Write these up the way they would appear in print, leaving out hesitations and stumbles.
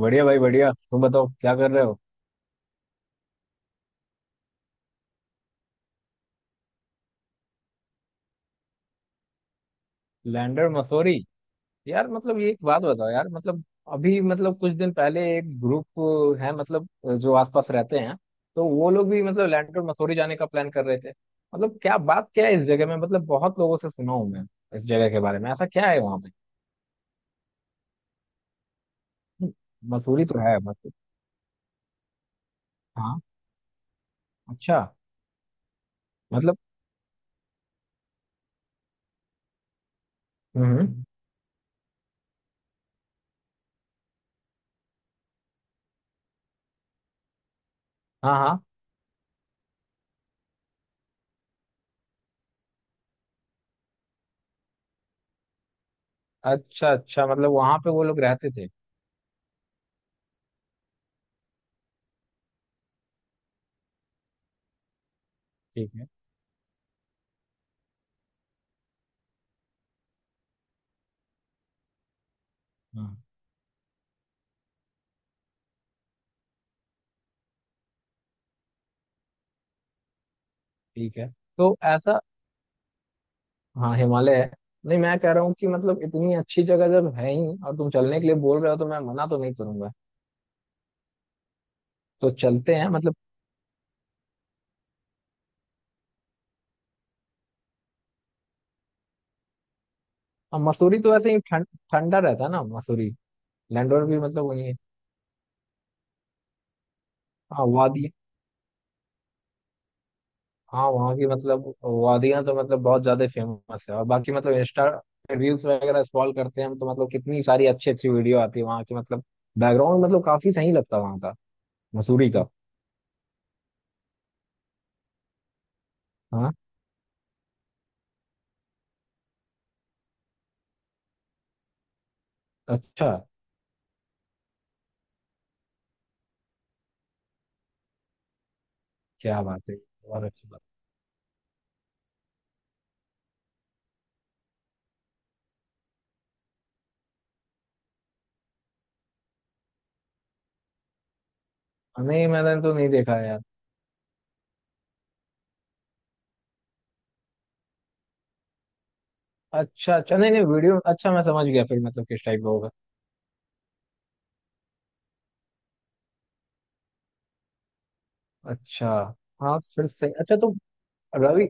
बढ़िया भाई, बढ़िया। तुम बताओ क्या कर रहे हो। लैंडर मसूरी? यार, मतलब ये एक बात बताओ यार। मतलब अभी, मतलब कुछ दिन पहले एक ग्रुप है मतलब, जो आसपास रहते हैं, तो वो लोग भी मतलब लैंडर मसूरी जाने का प्लान कर रहे थे। मतलब क्या बात क्या है इस जगह में? मतलब बहुत लोगों से सुना हूं मैं इस जगह के बारे में। ऐसा क्या है वहां पे? मसूरी तो है मसूरी। हाँ। अच्छा, मतलब। हम्म। हाँ, हाँ। अच्छा अच्छा, मतलब वहां पे वो लोग रहते थे। ठीक है। हाँ, ठीक है। तो ऐसा। हाँ, हिमालय है। नहीं, मैं कह रहा हूँ कि मतलब इतनी अच्छी जगह जब है ही, और तुम चलने के लिए बोल रहे हो तो मैं मना तो नहीं करूंगा। तो चलते हैं मतलब। हाँ, मसूरी तो ऐसे ही ठंडा रहता है ना, मसूरी। लैंडोर भी मतलब वही है। हाँ, वादी। हाँ, वहाँ की मतलब वादियाँ तो मतलब बहुत ज्यादा फेमस है, और बाकी मतलब इंस्टा रील्स वगैरह स्क्रॉल करते हैं हम तो, मतलब कितनी सारी अच्छी अच्छी वीडियो आती है वहाँ की। मतलब बैकग्राउंड, मतलब काफी सही लगता है वहाँ का। मसूरी का। हाँ। अच्छा क्या बात है। और अच्छी बात। नहीं, मैंने तो नहीं देखा है यार। अच्छा अच्छा, नहीं नहीं, वीडियो। अच्छा, मैं समझ गया। फिर मतलब किस टाइप का होगा। अच्छा। हाँ, फिर सही। अच्छा, तो। रवि।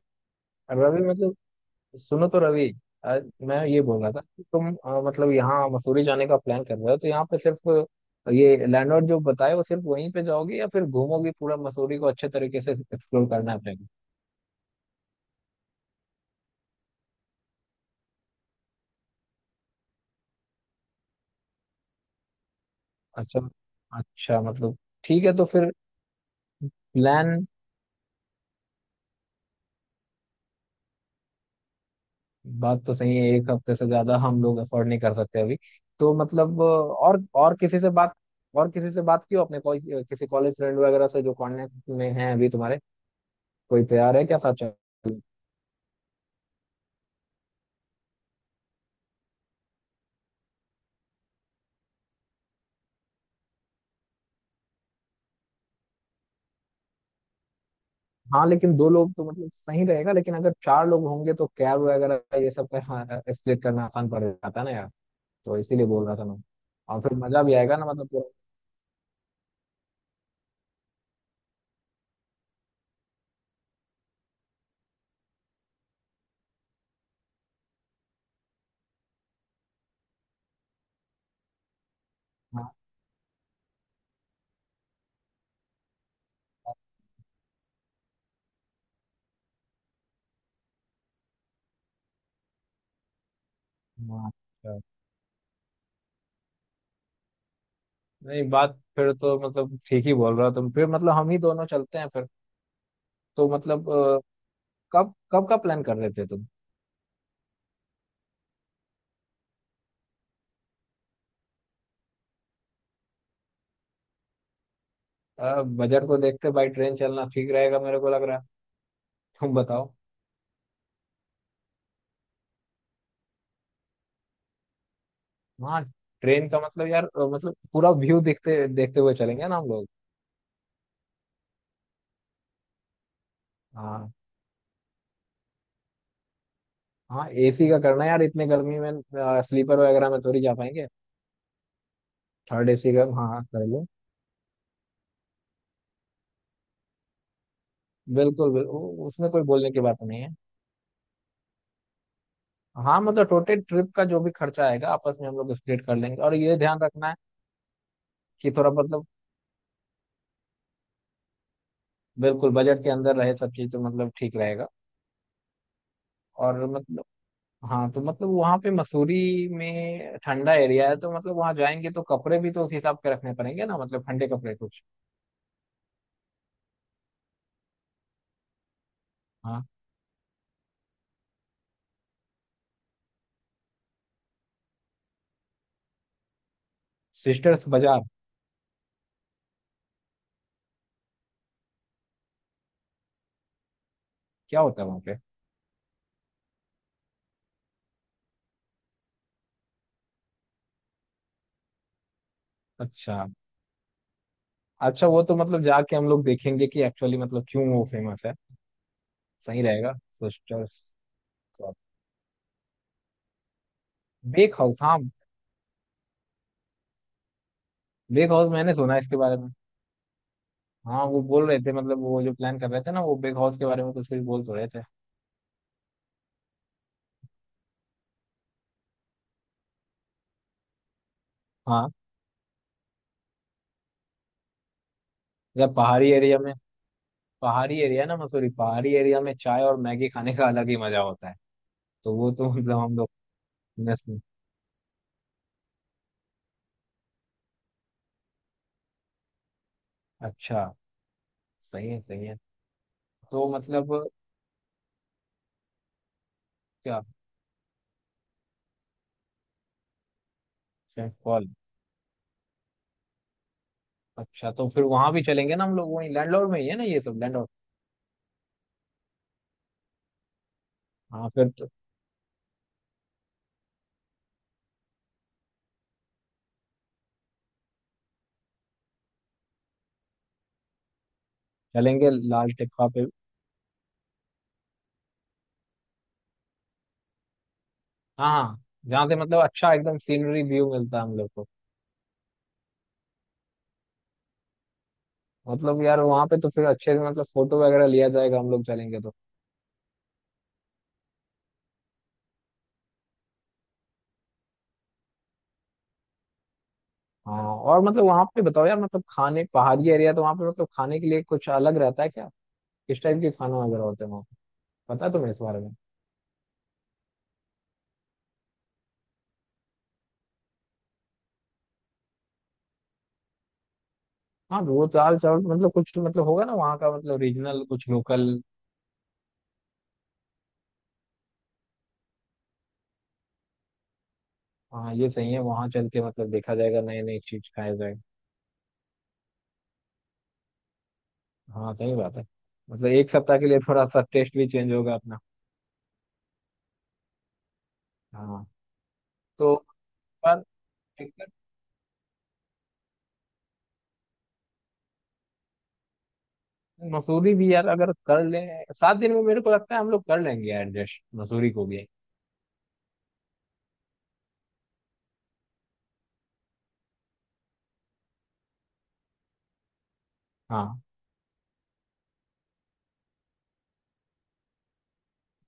रवि, मतलब। सुनो तो, रवि। मैं ये बोल रहा था कि तुम मतलब यहाँ मसूरी जाने का प्लान कर रहे हो, तो यहाँ पे सिर्फ ये लैंडलॉर्ड जो बताए वो सिर्फ वहीं पे जाओगे, या फिर घूमोगे पूरा मसूरी को? अच्छे तरीके से एक्सप्लोर करना है अपने को? अच्छा अच्छा, मतलब। ठीक है, तो फिर। प्लान। बात तो सही है, एक हफ्ते से ज्यादा हम लोग अफोर्ड नहीं कर सकते अभी। तो मतलब, और किसी से बात। और किसी से बात की हो अपने? कोई किसी कॉलेज फ्रेंड वगैरह से जो कांटेक्ट में हैं अभी तुम्हारे? कोई तैयार है क्या साथ चल? हाँ, लेकिन दो लोग तो मतलब सही रहेगा, लेकिन अगर चार लोग होंगे तो कैब वगैरह ये सब का, हाँ, स्प्लिट करना आसान पड़ जाता है ना यार। तो इसीलिए बोल रहा था मैं। और फिर मजा भी आएगा ना, मतलब पूरा। हाँ, हाँ, अच्छा। नहीं, बात फिर तो मतलब ठीक ही बोल रहा हो तुम, फिर मतलब हम ही दोनों चलते हैं फिर। तो मतलब, कब कब का प्लान कर रहे थे तुम? बजट को देखते भाई, ट्रेन चलना ठीक रहेगा मेरे को लग रहा है। तुम बताओ। हाँ, ट्रेन का मतलब यार, मतलब पूरा व्यू देखते देखते हुए चलेंगे ना हम लोग। हाँ। हाँ, एसी का करना है यार इतने गर्मी में। स्लीपर वगैरह में थोड़ी जा पाएंगे। थर्ड एसी का, हाँ, हाँ, कर लो। बिल्कुल बिल्कुल, उसमें कोई बोलने की बात नहीं है। हाँ, मतलब टोटल ट्रिप का जो भी खर्चा आएगा आपस में हम लोग स्प्लिट कर लेंगे, और ये ध्यान रखना है कि थोड़ा मतलब। बिल्कुल बजट के अंदर रहे सब चीज तो मतलब ठीक रहेगा। और मतलब। हाँ, तो मतलब वहाँ पे मसूरी में ठंडा एरिया है, तो मतलब वहाँ जाएंगे तो कपड़े भी तो उस हिसाब के रखने पड़ेंगे ना, मतलब ठंडे कपड़े कुछ। हाँ, सिस्टर्स बाजार। क्या होता है वहाँ पे? अच्छा अच्छा, वो तो मतलब जाके हम लोग देखेंगे कि एक्चुअली मतलब क्यों वो फेमस है। सही रहेगा सिस्टर्स। बेक हाउस, हाँ। बेक हाउस मैंने सुना है इसके बारे में। हाँ, वो बोल रहे थे मतलब, वो जो प्लान कर रहे थे ना, वो बेक हाउस के बारे में कुछ कुछ बोल तो रहे थे। हाँ। जब पहाड़ी एरिया में पहाड़ी एरिया ना, मसूरी पहाड़ी एरिया में चाय और मैगी खाने का अलग ही मजा होता है। तो वो तो मतलब हम लोग। fitness में- अच्छा। सही है, सही है। तो मतलब। क्या? Saint Paul. अच्छा, तो फिर वहां भी चलेंगे ना हम लोग, वहीं लैंडलॉर्ड में ही है ना ये सब, लैंडलॉर्ड? हाँ, फिर तो। चलेंगे लाल टिक्का पे। हाँ, हाँ। जहाँ से मतलब अच्छा, एकदम सीनरी व्यू मिलता है हम लोग को। मतलब यार, वहाँ पे तो फिर अच्छे से मतलब फोटो वगैरह लिया जाएगा हम लोग चलेंगे तो। हाँ, और मतलब वहाँ पे बताओ यार, मतलब खाने, पहाड़ी एरिया, तो वहाँ पे मतलब खाने के लिए कुछ अलग रहता है क्या? किस टाइप के खाना वगैरह होते हैं वहाँ पे? पता है तुम्हें इस बारे में? हाँ, वो दाल चावल मतलब, कुछ तो मतलब होगा ना वहाँ का, मतलब रीजनल कुछ लोकल। हाँ, ये सही है, वहाँ चल के मतलब देखा जाएगा, नई नई चीज खाया जाएगा। हाँ, सही बात है। मतलब एक सप्ताह के लिए थोड़ा सा टेस्ट भी चेंज होगा अपना। हाँ, तो। पर। टिकट। मसूरी भी यार, अगर कर लें 7 दिन में मेरे को लगता है हम लोग कर लेंगे एडजस्ट मसूरी को भी। हाँ।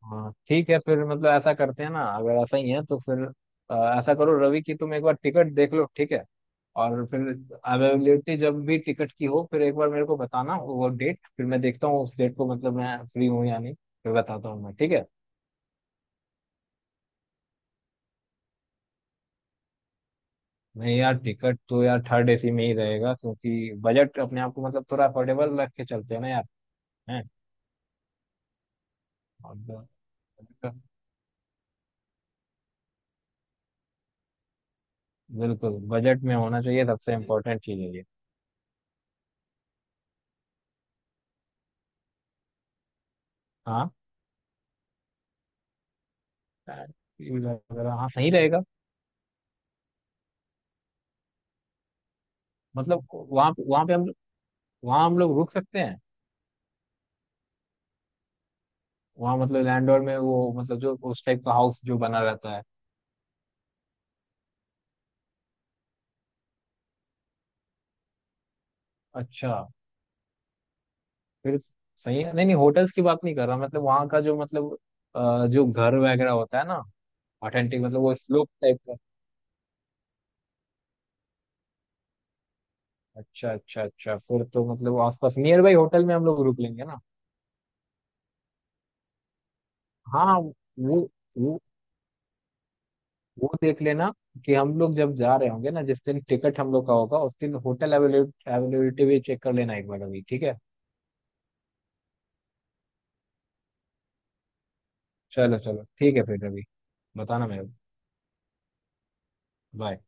हाँ, ठीक है, फिर मतलब ऐसा करते हैं ना, अगर ऐसा ही है तो फिर। ऐसा करो रवि की तुम एक बार टिकट देख लो, ठीक है। और फिर। अवेलेबिलिटी जब भी टिकट की हो, फिर एक बार मेरे को बताना वो डेट, फिर मैं देखता हूँ उस डेट को मतलब मैं फ्री हूँ या नहीं, फिर बताता हूँ मैं, ठीक है? नहीं यार, टिकट तो यार थर्ड एसी में ही रहेगा क्योंकि बजट अपने आप को मतलब थोड़ा अफोर्डेबल रख के चलते हैं ना यार। हैं। और ब- बिल्कुल, बजट में होना चाहिए, सबसे इम्पोर्टेंट चीज है ये। हाँ, वगैरह, हाँ सही रहेगा। मतलब वहाँ वहाँ पे हम। वहां हम लोग रुक सकते हैं? वहां मतलब लैंडोर में वो, मतलब जो उस टाइप का हाउस जो बना रहता है। अच्छा। फिर सही है, नहीं नहीं, होटल्स की बात नहीं कर रहा, मतलब वहाँ का जो मतलब। जो घर वगैरह होता है ना। ऑथेंटिक, मतलब वो स्लोप टाइप का। अच्छा अच्छा अच्छा, फिर तो मतलब आसपास नियर बाई होटल में हम लोग रुक लेंगे ना। हाँ, वो वो देख लेना कि हम लोग जब जा रहे होंगे ना, जिस दिन टिकट हम लोग का होगा उस दिन होटल अवेलेबिलिटी भी चेक कर लेना एक बार अभी, ठीक है? चलो चलो, ठीक है फिर, अभी। बताना मेरे को। बाय।